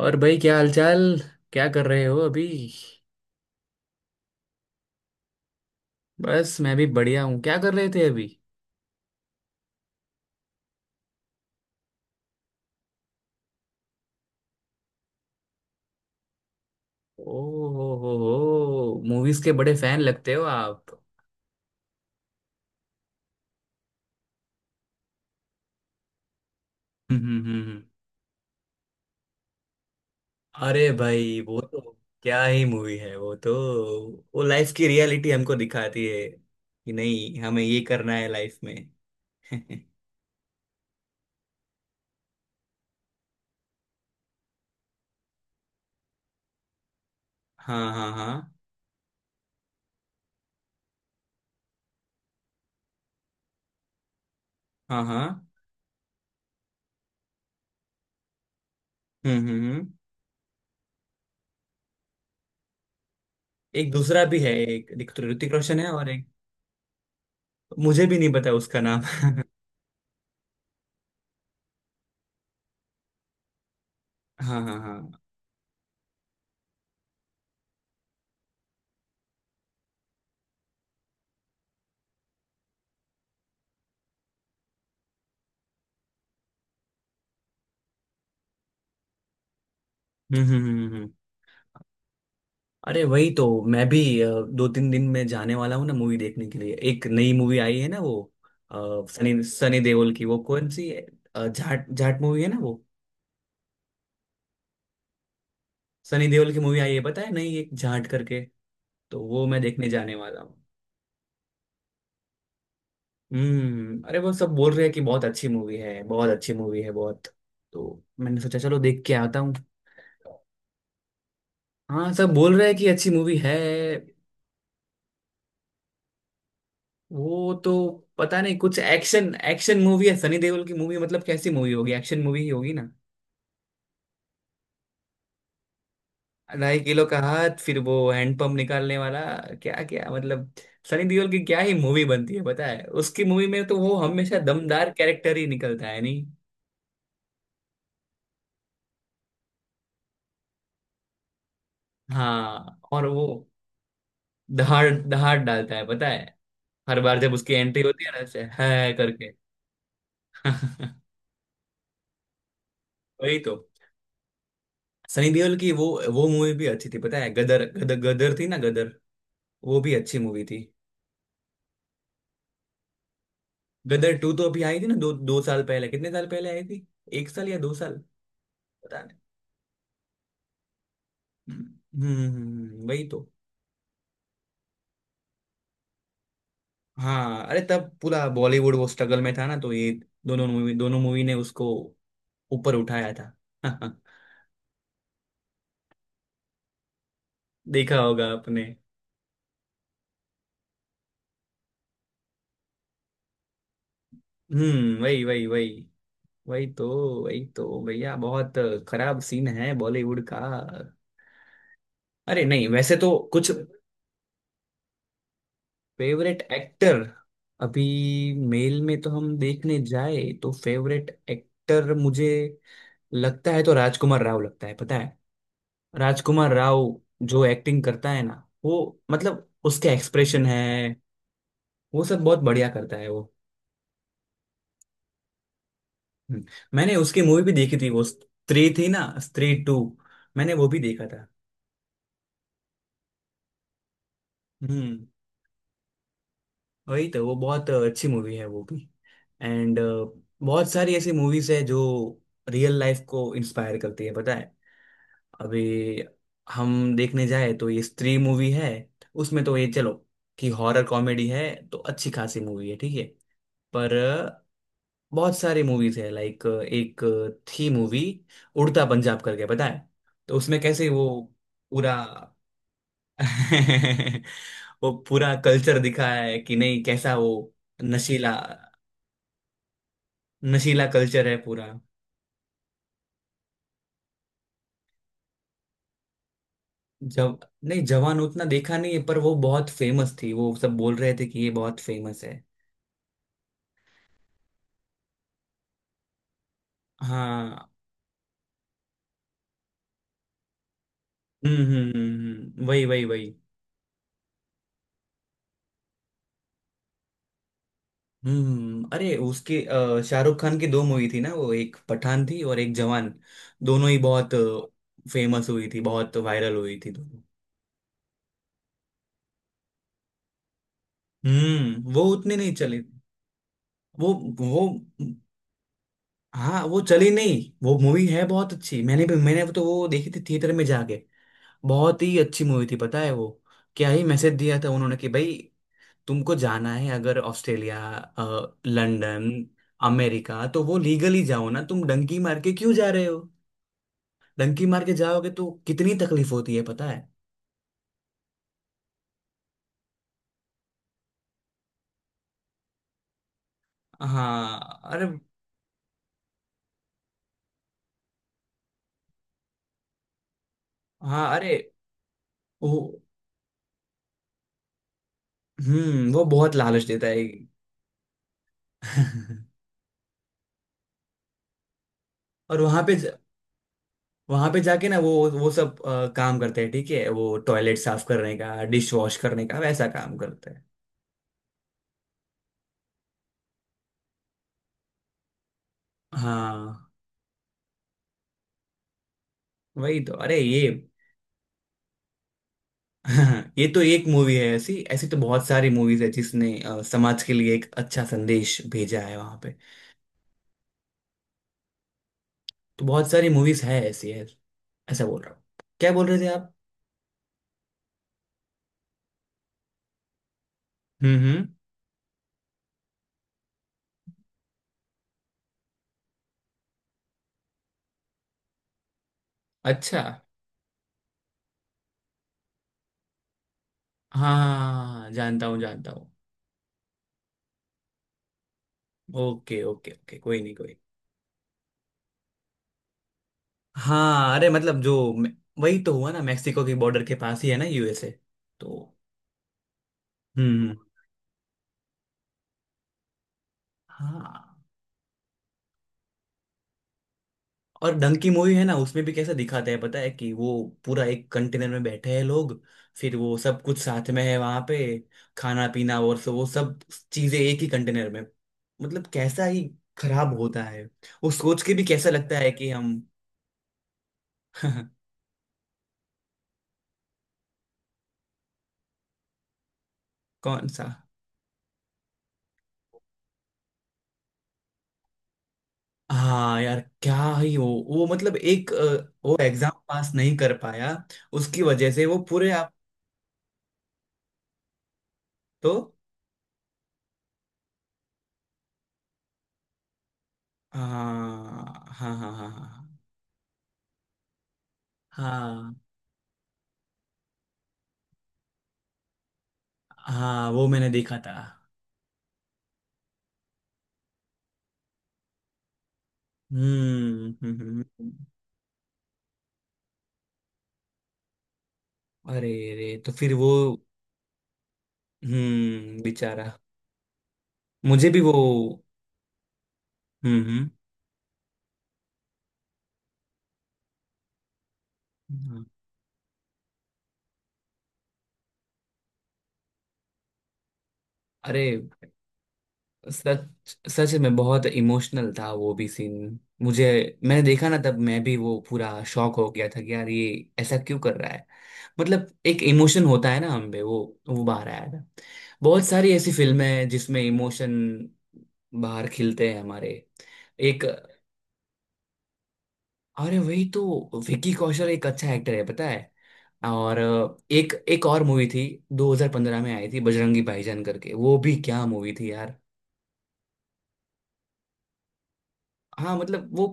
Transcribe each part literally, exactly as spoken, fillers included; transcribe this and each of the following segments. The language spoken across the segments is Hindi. और भाई, क्या हालचाल? क्या कर रहे हो अभी? बस मैं भी बढ़िया हूँ। क्या कर रहे थे अभी? ओ हो हो हो मूवीज के बड़े फैन लगते हो आप। हम्म हम्म, हम्म। अरे भाई, वो तो क्या ही मूवी है, वो तो। वो लाइफ की रियलिटी हमको दिखाती है कि नहीं, हमें ये करना है लाइफ में। हाँ हाँ हाँ हाँ हाँ। हम्म हम्म हम्म। एक दूसरा भी है, एक ऋतिक ऋतिक रोशन है और एक। मुझे भी नहीं पता उसका नाम। हाँ हाँ हाँ, हम्म। हम्म हम्म, हम्म। अरे वही तो। मैं भी अ, दो तीन दिन में जाने वाला हूँ ना, मूवी देखने के लिए। एक नई मूवी आई है ना वो अ, सनी सनी देओल की, वो कौन सी है? अ, जाट जाट मूवी है ना वो। सनी देओल की मूवी आई है, पता है नहीं, एक जाट करके। तो वो मैं देखने जाने वाला हूँ। हम्म, अरे वो सब बोल रहे हैं कि बहुत अच्छी मूवी है, बहुत अच्छी मूवी है, बहुत। तो मैंने सोचा चलो देख के आता हूँ। हाँ, सब बोल रहे हैं कि अच्छी मूवी है। वो तो। पता नहीं, कुछ एक्शन एक्शन मूवी है, सनी देओल की मूवी मतलब कैसी मूवी होगी, एक्शन मूवी ही होगी ना। ढाई किलो का हाथ, फिर वो हैंडपंप निकालने वाला। क्या क्या मतलब। सनी देओल की क्या ही मूवी बनती है पता है, उसकी मूवी में तो वो हमेशा दमदार कैरेक्टर ही निकलता है नहीं। हाँ और वो दहाड़ दहाड़ डालता है पता है। हर बार जब उसकी एंट्री होती है ना, ऐसे है करके। वही तो, सनी देओल की वो। वो मूवी भी अच्छी थी पता है, गदर गदर गदर थी ना, गदर। वो भी अच्छी मूवी थी। गदर टू तो अभी आई थी ना, दो दो साल पहले, कितने साल पहले आई थी? एक साल या दो साल, पता। हम्म हम्म, वही तो। हाँ अरे, तब पूरा बॉलीवुड वो स्ट्रगल में था ना, तो ये दोनों मूवी दोनों मूवी ने उसको ऊपर उठाया था। देखा होगा आपने। हम्म, वही वही वही। वही तो, वही तो भैया, बहुत खराब सीन है बॉलीवुड का। अरे नहीं, वैसे तो कुछ। Favourite actor. अभी मेल में तो हम देखने जाए तो फेवरेट एक्टर मुझे लगता है तो राजकुमार राव लगता है पता है। राजकुमार राव। जो एक्टिंग करता है ना वो, मतलब उसके एक्सप्रेशन है, वो सब बहुत बढ़िया करता है वो। हम्म। मैंने उसकी मूवी भी देखी थी, वो स्त्री थी ना, स्त्री टू। मैंने वो भी देखा था। हम्म, वही तो, वो बहुत अच्छी मूवी है वो भी। एंड बहुत सारी ऐसी मूवीज है जो रियल लाइफ को इंस्पायर करती है पता है। अभी हम देखने जाए तो ये स्त्री मूवी है, उसमें तो ये चलो कि हॉरर कॉमेडी है, तो अच्छी खासी मूवी है ठीक है। पर अ, बहुत सारी मूवीज है, लाइक एक थी मूवी उड़ता पंजाब करके पता है। तो उसमें कैसे वो पूरा। वो पूरा कल्चर दिखाया है कि नहीं, कैसा वो। नशीला, नशीला कल्चर है पूरा। जब नहीं, जवान उतना देखा नहीं है, पर वो बहुत फेमस थी, वो सब बोल रहे थे कि ये बहुत फेमस है। हाँ। हम्म हम्म हम्म, हम्म, वही वही वही। हम्म हम्म, हम्म। अरे उसके अ, शाहरुख खान की दो मूवी थी ना वो, एक पठान थी और एक जवान। दोनों ही बहुत फेमस हुई थी, बहुत वायरल हुई थी दोनों। हम्म, वो उतनी नहीं चली, वो वो हाँ, वो चली नहीं, वो मूवी है बहुत अच्छी, मैंने भी मैंने तो वो देखी थी थिएटर में जाके। बहुत ही अच्छी मूवी थी पता है वो। क्या ही मैसेज दिया था उन्होंने कि भाई, तुमको जाना है अगर ऑस्ट्रेलिया, अ, लंदन, अमेरिका, तो वो लीगली जाओ ना, तुम डंकी मार के क्यों जा रहे हो? डंकी मार के जाओगे तो कितनी तकलीफ होती है पता है। हाँ अरे। हाँ अरे वो। हम्म, वो बहुत लालच देता है। और वहां पे वहां पे जाके ना वो वो सब अ, काम करते हैं ठीक है, वो टॉयलेट साफ करने का, डिश वॉश करने का वैसा काम करते हैं। हाँ वही तो, अरे ये। ये तो एक मूवी है ऐसी, ऐसी तो बहुत सारी मूवीज है जिसने अ, समाज के लिए एक अच्छा संदेश भेजा है वहां पे। तो बहुत सारी मूवीज है ऐसी है, ऐसा बोल रहा हूँ। क्या बोल रहे थे आप? हम्म हम्म, अच्छा हाँ। हाँ, हाँ, हाँ, हाँ, जानता हूँ जानता हूँ। ओके ओके ओके, कोई नहीं कोई नहीं। हाँ अरे, मतलब जो, वही तो हुआ ना, मेक्सिको की बॉर्डर के पास ही है ना यूएसए। तो। हम्म हाँ। और डंकी की मूवी है ना, उसमें भी कैसा दिखाते हैं पता है, कि वो पूरा एक कंटेनर में बैठे हैं लोग। फिर वो सब कुछ साथ में है वहां पे, खाना पीना और सो, वो सब चीजें एक ही कंटेनर में। मतलब कैसा ही खराब होता है, वो सोच के भी कैसा लगता है कि हम। कौन सा? हाँ यार, क्या ही हो वो, मतलब एक अ, वो एग्जाम पास नहीं कर पाया। उसकी वजह से वो पूरे आप। तो। हाँ हाँ हाँ हाँ हाँ हाँ हाँ, वो मैंने देखा था। हम्म हम्म हम्म, हम्म। अरे रे, तो फिर वो। हम्म, बेचारा। मुझे भी वो। हम्म हम्म हाँ। अरे, सच सच में बहुत इमोशनल था वो भी सीन मुझे। मैंने देखा ना, तब मैं भी वो पूरा शॉक हो गया था कि यार ये ऐसा क्यों कर रहा है। मतलब एक इमोशन होता है ना हम पे, वो वो बाहर आया था। बहुत सारी ऐसी फिल्में हैं जिसमें इमोशन बाहर खिलते हैं हमारे। एक। अरे वही तो, विकी कौशल एक अच्छा एक्टर है पता है। और एक एक और मूवी थी, दो हज़ार पंद्रह में आई थी बजरंगी भाईजान करके। वो भी क्या मूवी थी यार। हाँ मतलब वो।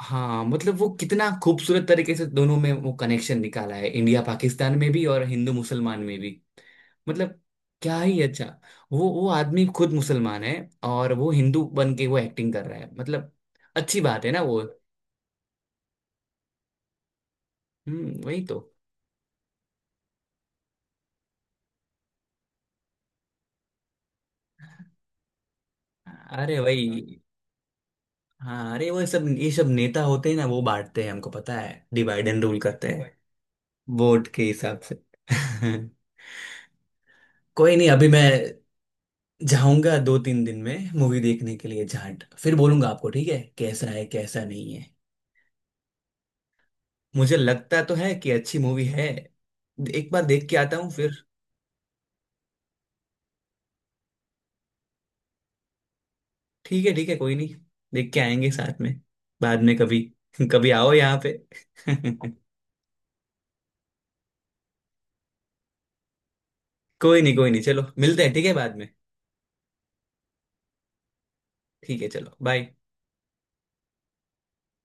हाँ मतलब वो कितना खूबसूरत तरीके से दोनों में वो कनेक्शन निकाला है, इंडिया पाकिस्तान में भी और हिंदू मुसलमान में भी। मतलब क्या ही अच्छा। वो वो आदमी खुद मुसलमान है। और वो हिंदू बन के वो एक्टिंग कर रहा है मतलब। अच्छी बात है ना वो। हम्म वही तो। अरे वही। हाँ अरे, वो सब ये सब नेता होते हैं ना, वो बांटते हैं हमको पता है, डिवाइड एंड रूल करते हैं। वोट के हिसाब से। कोई नहीं, अभी मैं जाऊंगा दो तीन दिन में मूवी देखने के लिए जाट, फिर बोलूंगा आपको ठीक है कैसा है कैसा नहीं है। मुझे लगता तो है कि अच्छी मूवी है। एक बार देख के आता हूँ फिर। ठीक है ठीक है, कोई नहीं। देख के आएंगे साथ में बाद में कभी। कभी आओ यहाँ पे। कोई नहीं कोई नहीं, चलो मिलते हैं ठीक है बाद में। ठीक है, चलो बाय।